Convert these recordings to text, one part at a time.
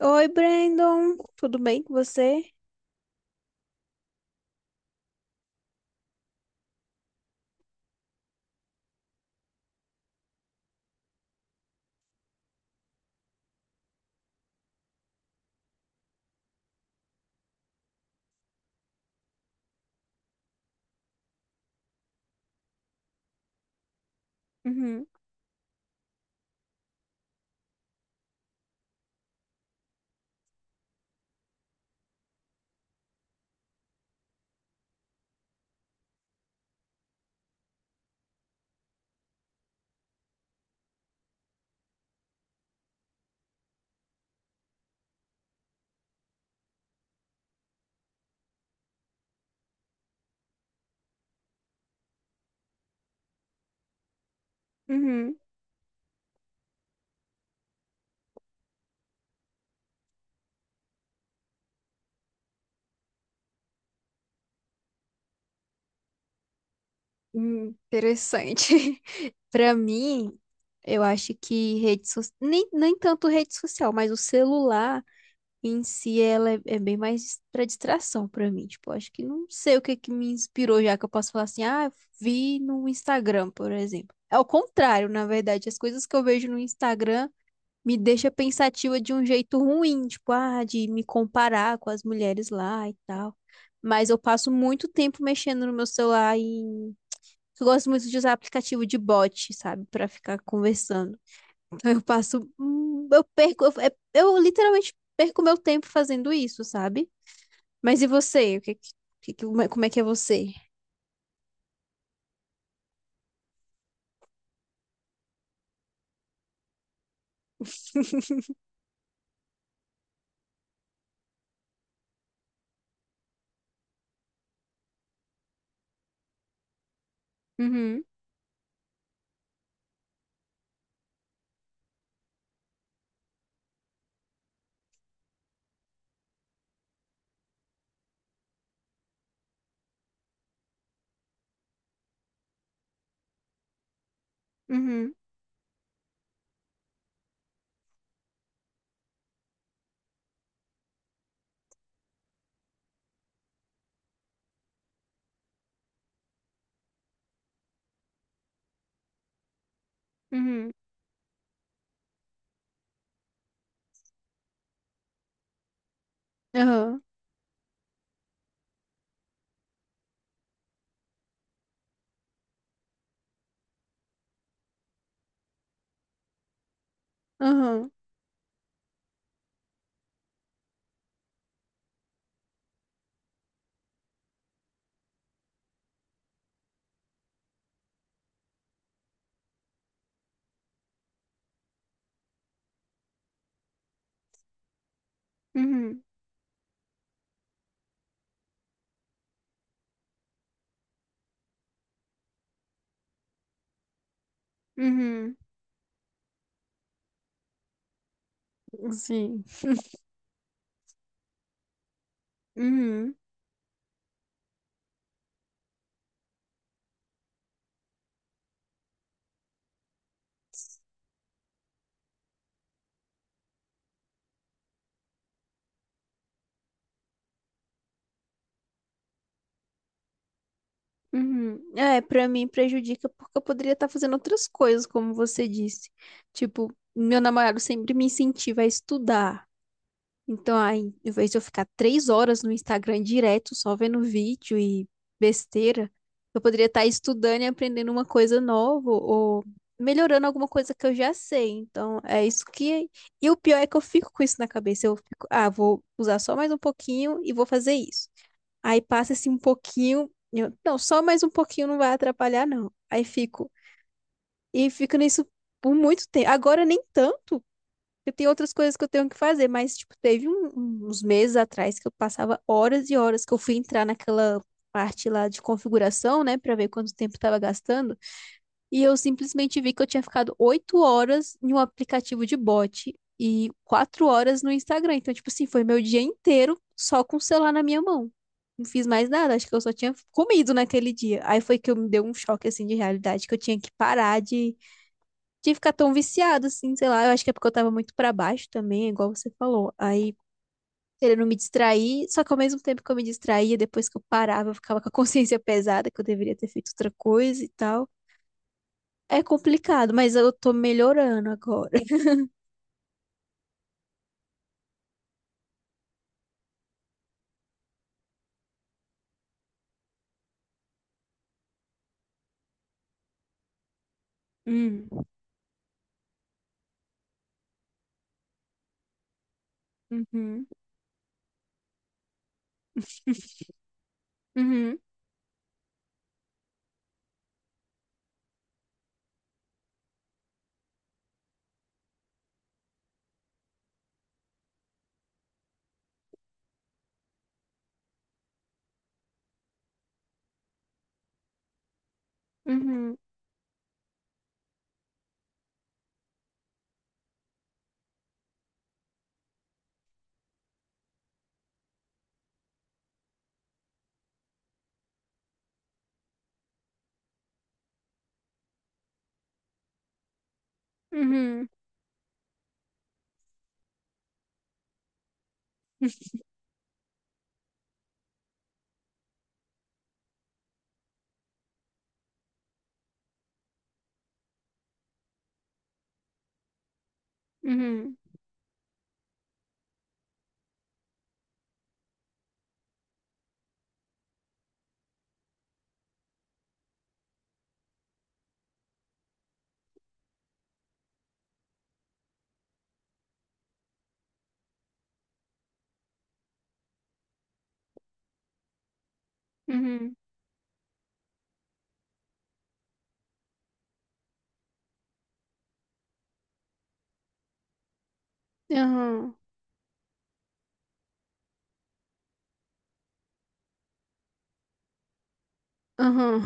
Oi, Brandon. Tudo bem com você? Uhum, uhum. Interessante. Pra mim, eu acho que rede social, nem tanto rede social, mas o celular em si ela é bem mais pra distração pra mim. Tipo, eu acho que não sei o que que me inspirou já que eu posso falar assim, ah, vi no Instagram, por exemplo. É o contrário, na verdade, as coisas que eu vejo no Instagram me deixa pensativa de um jeito ruim, tipo, ah, de me comparar com as mulheres lá e tal. Mas eu passo muito tempo mexendo no meu celular e eu gosto muito de usar aplicativo de bot, sabe, pra ficar conversando. Então eu passo, eu perco, eu literalmente perco meu tempo fazendo isso, sabe? Mas e você? O que, que- Como é que é você? Uhum, uhum, uhum. Aham, aham, uhum, uhum. Sim. Uhum. Uhum. É, pra mim prejudica porque eu poderia estar fazendo outras coisas, como você disse. Tipo, meu namorado sempre me incentiva a estudar. Então, aí, em vez de eu ficar 3 horas no Instagram direto, só vendo vídeo e besteira, eu poderia estar estudando e aprendendo uma coisa nova ou melhorando alguma coisa que eu já sei. Então, é isso que é. E o pior é que eu fico com isso na cabeça. Eu fico, ah, vou usar só mais um pouquinho e vou fazer isso. Aí passa-se um pouquinho, não, só mais um pouquinho não vai atrapalhar, não. E fico nisso por muito tempo. Agora nem tanto, porque tem outras coisas que eu tenho que fazer, mas, tipo, teve uns meses atrás que eu passava horas e horas que eu fui entrar naquela parte lá de configuração, né, para ver quanto tempo estava gastando. E eu simplesmente vi que eu tinha ficado 8 horas em um aplicativo de bot e 4 horas no Instagram. Então, tipo assim, foi meu dia inteiro só com o celular na minha mão. Não fiz mais nada, acho que eu só tinha comido naquele dia. Aí foi que eu me deu um choque, assim, de realidade, que eu tinha que parar de ficar tão viciado, assim, sei lá. Eu acho que é porque eu tava muito pra baixo também, igual você falou. Aí, querendo me distrair, só que ao mesmo tempo que eu me distraía, depois que eu parava, eu ficava com a consciência pesada, que eu deveria ter feito outra coisa e tal. É complicado, mas eu tô melhorando agora. Hum. Uhum. Uhum. Uhum. Uhum. Uhum. Uhum. Aham. Aham.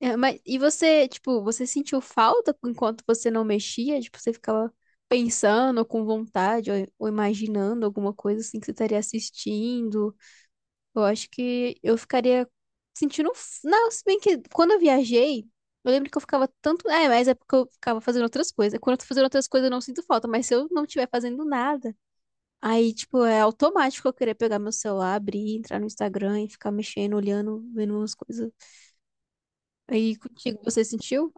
É, mas e você, tipo, você sentiu falta enquanto você não mexia? Tipo, você ficava pensando com vontade ou imaginando alguma coisa assim que você estaria assistindo? Eu acho que eu ficaria sentindo. Não, se bem que quando eu viajei, eu lembro que eu ficava tanto. É, mas é porque eu ficava fazendo outras coisas. Quando eu tô fazendo outras coisas, eu não sinto falta, mas se eu não estiver fazendo nada, aí, tipo, é automático eu querer pegar meu celular, abrir, entrar no Instagram e ficar mexendo, olhando, vendo umas coisas. Aí contigo, você sentiu?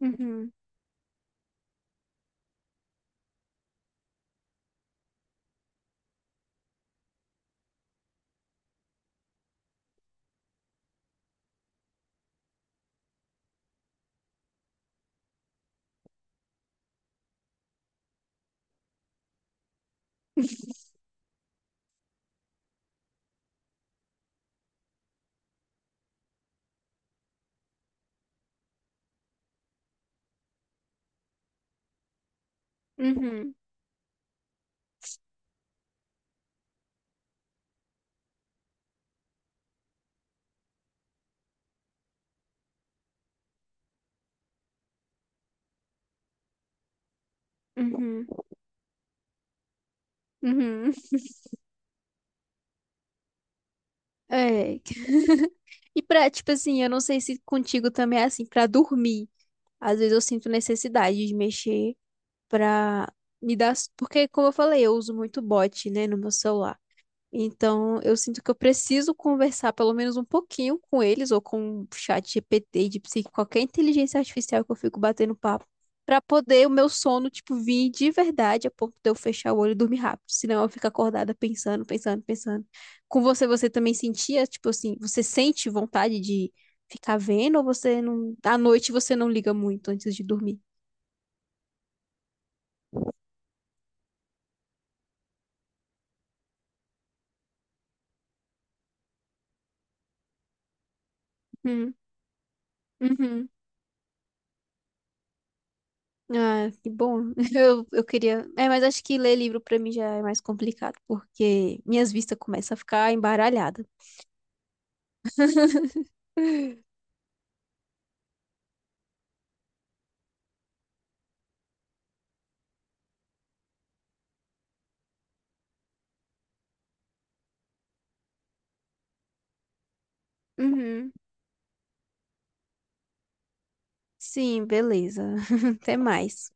Uhum, uhum, uhum, uhum. É. E pra, tipo assim, eu não sei se contigo também é assim, pra dormir. Às vezes eu sinto necessidade de mexer pra me dar. Porque, como eu falei, eu uso muito bot, né, no meu celular. Então, eu sinto que eu preciso conversar pelo menos um pouquinho com eles, ou com o chat GPT, de psique, qualquer inteligência artificial que eu fico batendo papo, pra poder o meu sono, tipo, vir de verdade a ponto de eu fechar o olho e dormir rápido. Senão eu fico acordada pensando, pensando, pensando. Com você, você também sentia, tipo assim, você sente vontade de ficar vendo, ou você não. À noite você não liga muito antes de dormir? Hum, uhum. Ah, que bom. Eu queria. É, mas acho que ler livro pra mim já é mais complicado, porque minhas vistas começam a ficar embaralhadas. Uhum. Sim, beleza. Até mais.